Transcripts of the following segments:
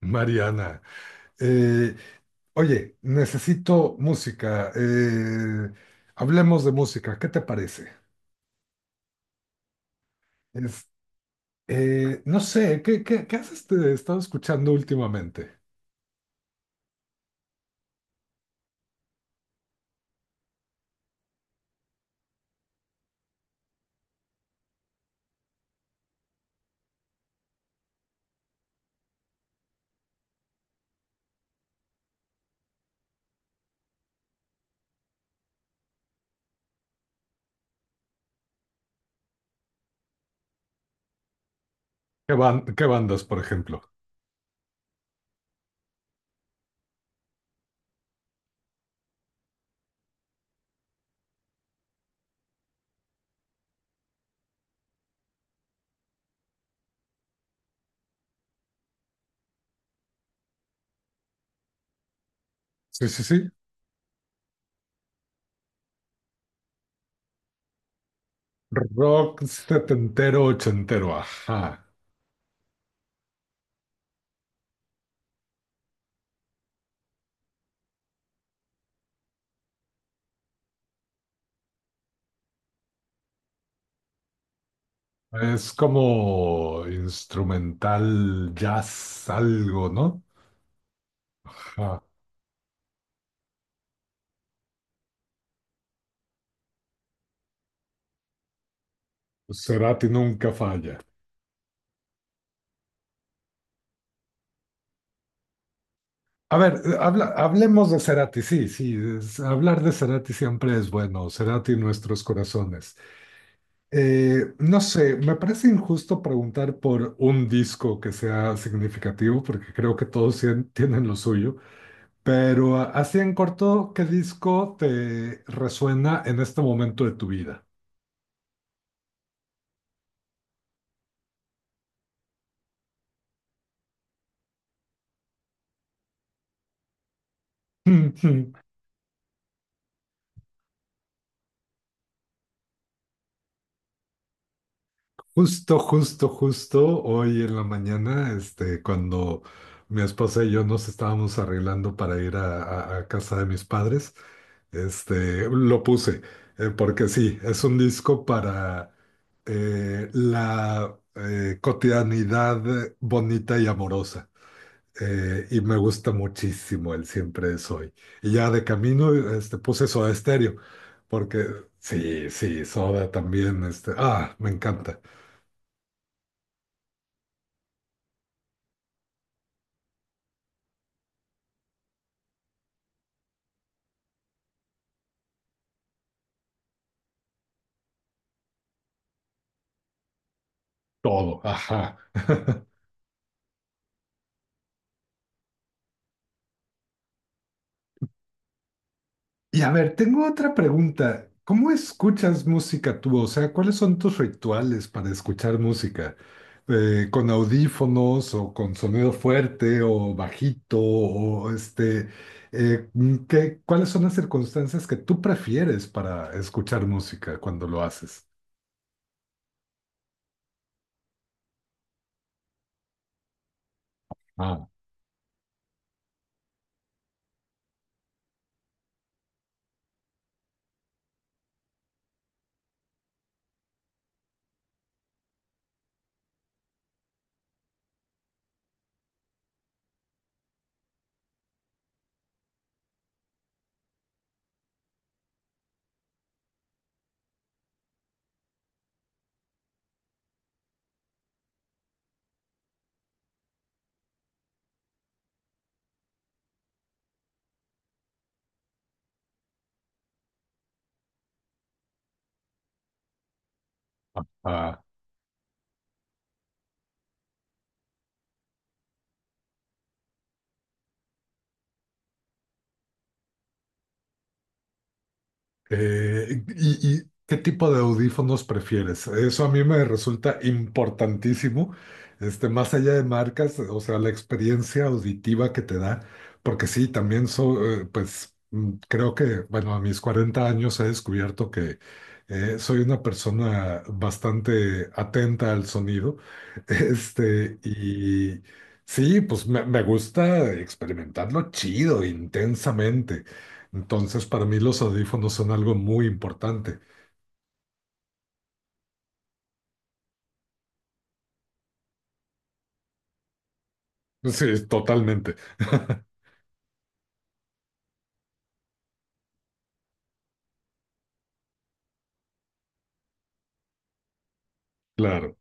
Mariana, eh, oye, necesito música. Hablemos de música, ¿qué te parece? Es- no sé, ¿qué has estado escuchando últimamente? Qué bandas, por ejemplo? Sí, sí, sí. Rock setentero, ochentero, ajá. Es como instrumental jazz, algo, ¿no? Ajá. Pues Cerati nunca falla. A ver, hablemos de Cerati, sí, sí, hablar de Cerati siempre es bueno, Cerati en nuestros corazones. No sé, me parece injusto preguntar por un disco que sea significativo, porque creo que todos tienen lo suyo, pero así en corto, ¿qué disco te resuena en este momento de tu vida? Justo, justo, justo hoy en la mañana, cuando mi esposa y yo nos estábamos arreglando para ir a, a casa de mis padres, lo puse, porque sí, es un disco para la cotidianidad bonita y amorosa. Y me gusta muchísimo el Siempre es hoy. Y ya de camino, puse Soda Stereo, porque sí, sí, Soda también, me encanta. Todo, ajá. Y a ver, tengo otra pregunta. ¿Cómo escuchas música tú? O sea, ¿cuáles son tus rituales para escuchar música? ¿Con audífonos o con sonido fuerte o bajito? O cuáles son las circunstancias que tú prefieres para escuchar música cuando lo haces? Ah, y, ¿qué tipo de audífonos prefieres? Eso a mí me resulta importantísimo, más allá de marcas, o sea, la experiencia auditiva que te da, porque sí, también so- pues mm, creo que, bueno, a mis 40 años he descubierto que soy una persona bastante atenta al sonido, y sí, pues me gusta experimentarlo chido, intensamente. Entonces, para mí los audífonos son algo muy importante. Sí, totalmente. Claro.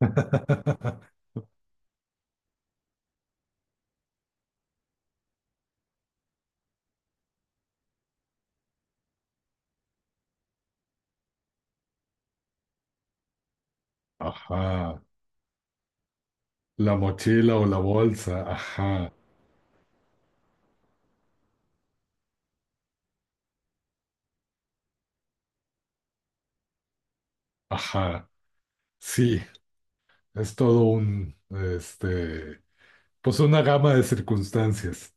Ajá. La mochila o la bolsa. Ajá. Ajá. Sí, es todo un, pues una gama de circunstancias.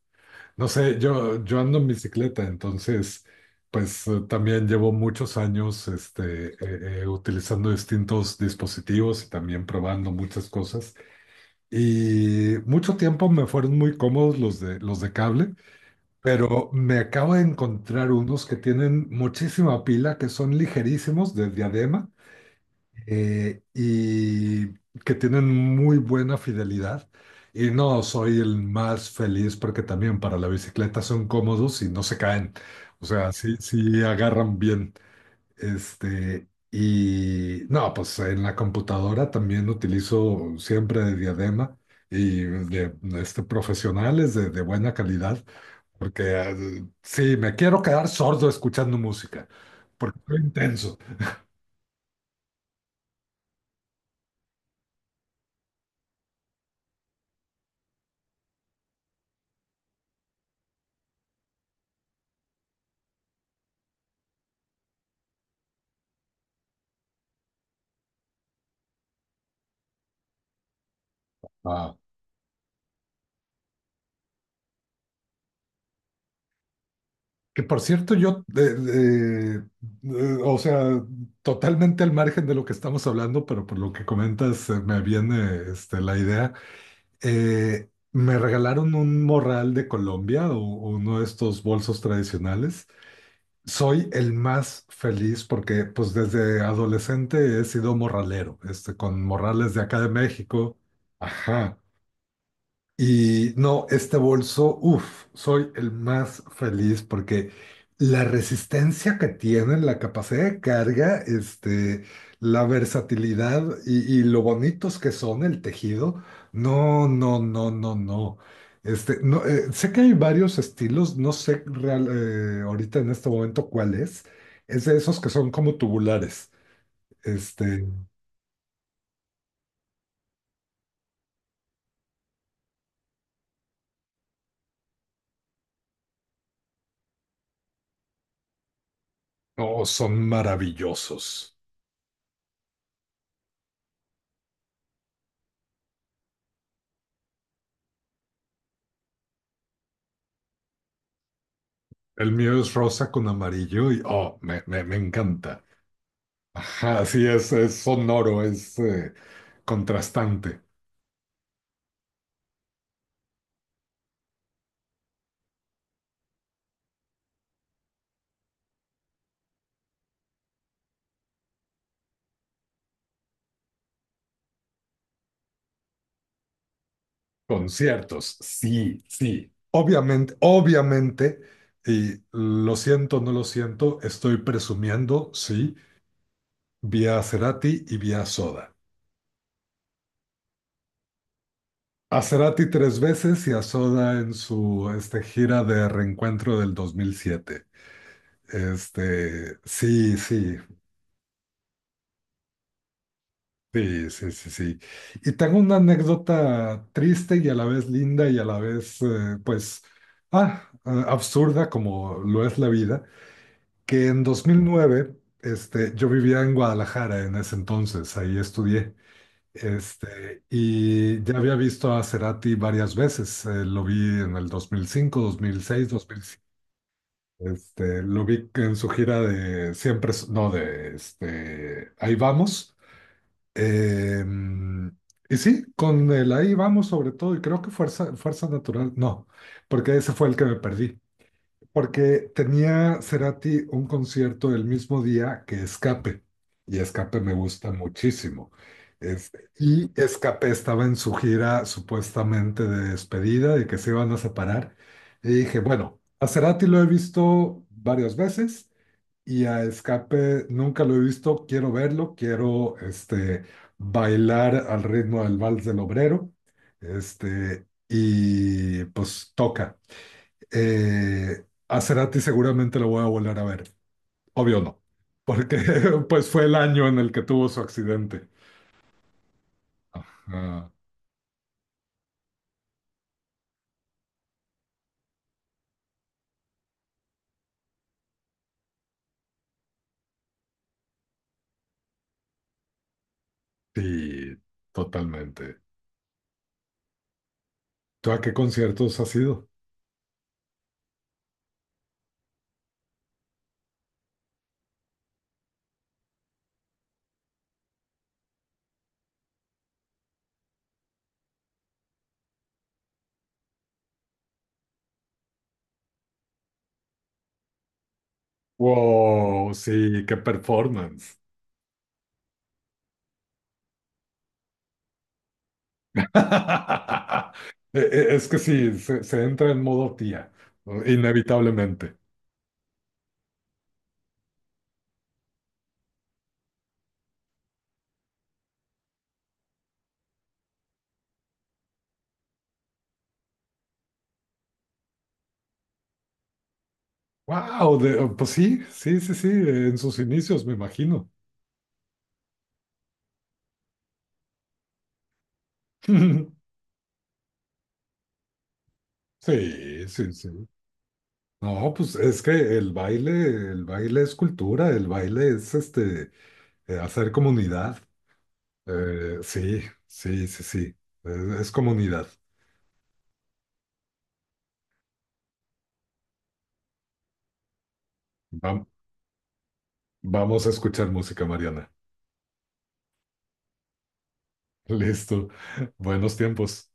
No sé, yo ando en bicicleta, entonces, pues también llevo muchos años, utilizando distintos dispositivos y también probando muchas cosas. Y mucho tiempo me fueron muy cómodos los de cable, pero me acabo de encontrar unos que tienen muchísima pila, que son ligerísimos de diadema y que tienen muy buena fidelidad. Y no soy el más feliz porque también para la bicicleta son cómodos y no se caen. O sea, sí, sí agarran bien. Y no, pues en la computadora también utilizo siempre de diadema y de profesionales de buena calidad, porque sí, me quiero quedar sordo escuchando música, porque soy intenso. Ah, que por cierto, yo, o sea, totalmente al margen de lo que estamos hablando, pero por lo que comentas, me viene la idea. Me regalaron un morral de Colombia o uno de estos bolsos tradicionales. Soy el más feliz porque pues desde adolescente he sido morralero, con morrales de acá de México. Ajá. Y no, este bolso, uff, soy el más feliz porque la resistencia que tiene, la capacidad de carga, la versatilidad y lo bonitos que son el tejido, no, no, no, no, no. No, sé que hay varios estilos, no sé real- ahorita en este momento cuál es. Es de esos que son como tubulares. Este, no son maravillosos. El mío es rosa con amarillo y oh, me encanta. Ajá, sí, es sonoro, es contrastante. Conciertos, sí, sí. Obviamente, obviamente, y lo siento, no lo siento, estoy presumiendo, sí, vi a Cerati y vi a Soda. A Cerati tres veces y a Soda en su gira de reencuentro del dos mil siete. Sí, sí, sí, sí, sí, sí. Y tengo una anécdota triste y a la vez linda y a la vez, pues, absurda como lo es la vida, que en 2009, yo vivía en Guadalajara en ese entonces, ahí estudié, y ya había visto a Cerati varias veces, lo vi en el dos mil cinco, dos mil seis, dos mil cinco, 2005, 2006, 2007, lo vi en su gira de siempre, no, ahí vamos. Em, y sí, con el ahí vamos sobre todo, y creo que fuerza natural, no, porque ese fue el que me perdí, porque tenía Cerati un concierto el mismo día que Escape, y Escape me gusta muchísimo. Y Escape estaba en su gira supuestamente de despedida, de que se iban a separar, y dije, bueno, a Cerati lo he visto varias veces y a Escape nunca lo he visto, quiero verlo, quiero bailar al ritmo del vals del obrero, y pues toca. A Cerati seguramente lo voy a volver a ver, obvio no, porque pues fue el año en el que tuvo su accidente. Ajá, sí, totalmente. ¿Tú a qué conciertos has ido? Wow, sí, qué performance. Es que sí, se entra en modo tía, inevitablemente. Wow, pues sí, sí, sí, sí, en sus inicios, me imagino. Sí, sí, sí. No, pues es que el baile es cultura, el baile es hacer comunidad. Sí, sí, sí, sí, es, es comunidad. Vam- Vamos a escuchar música, Mariana. Listo, buenos tiempos.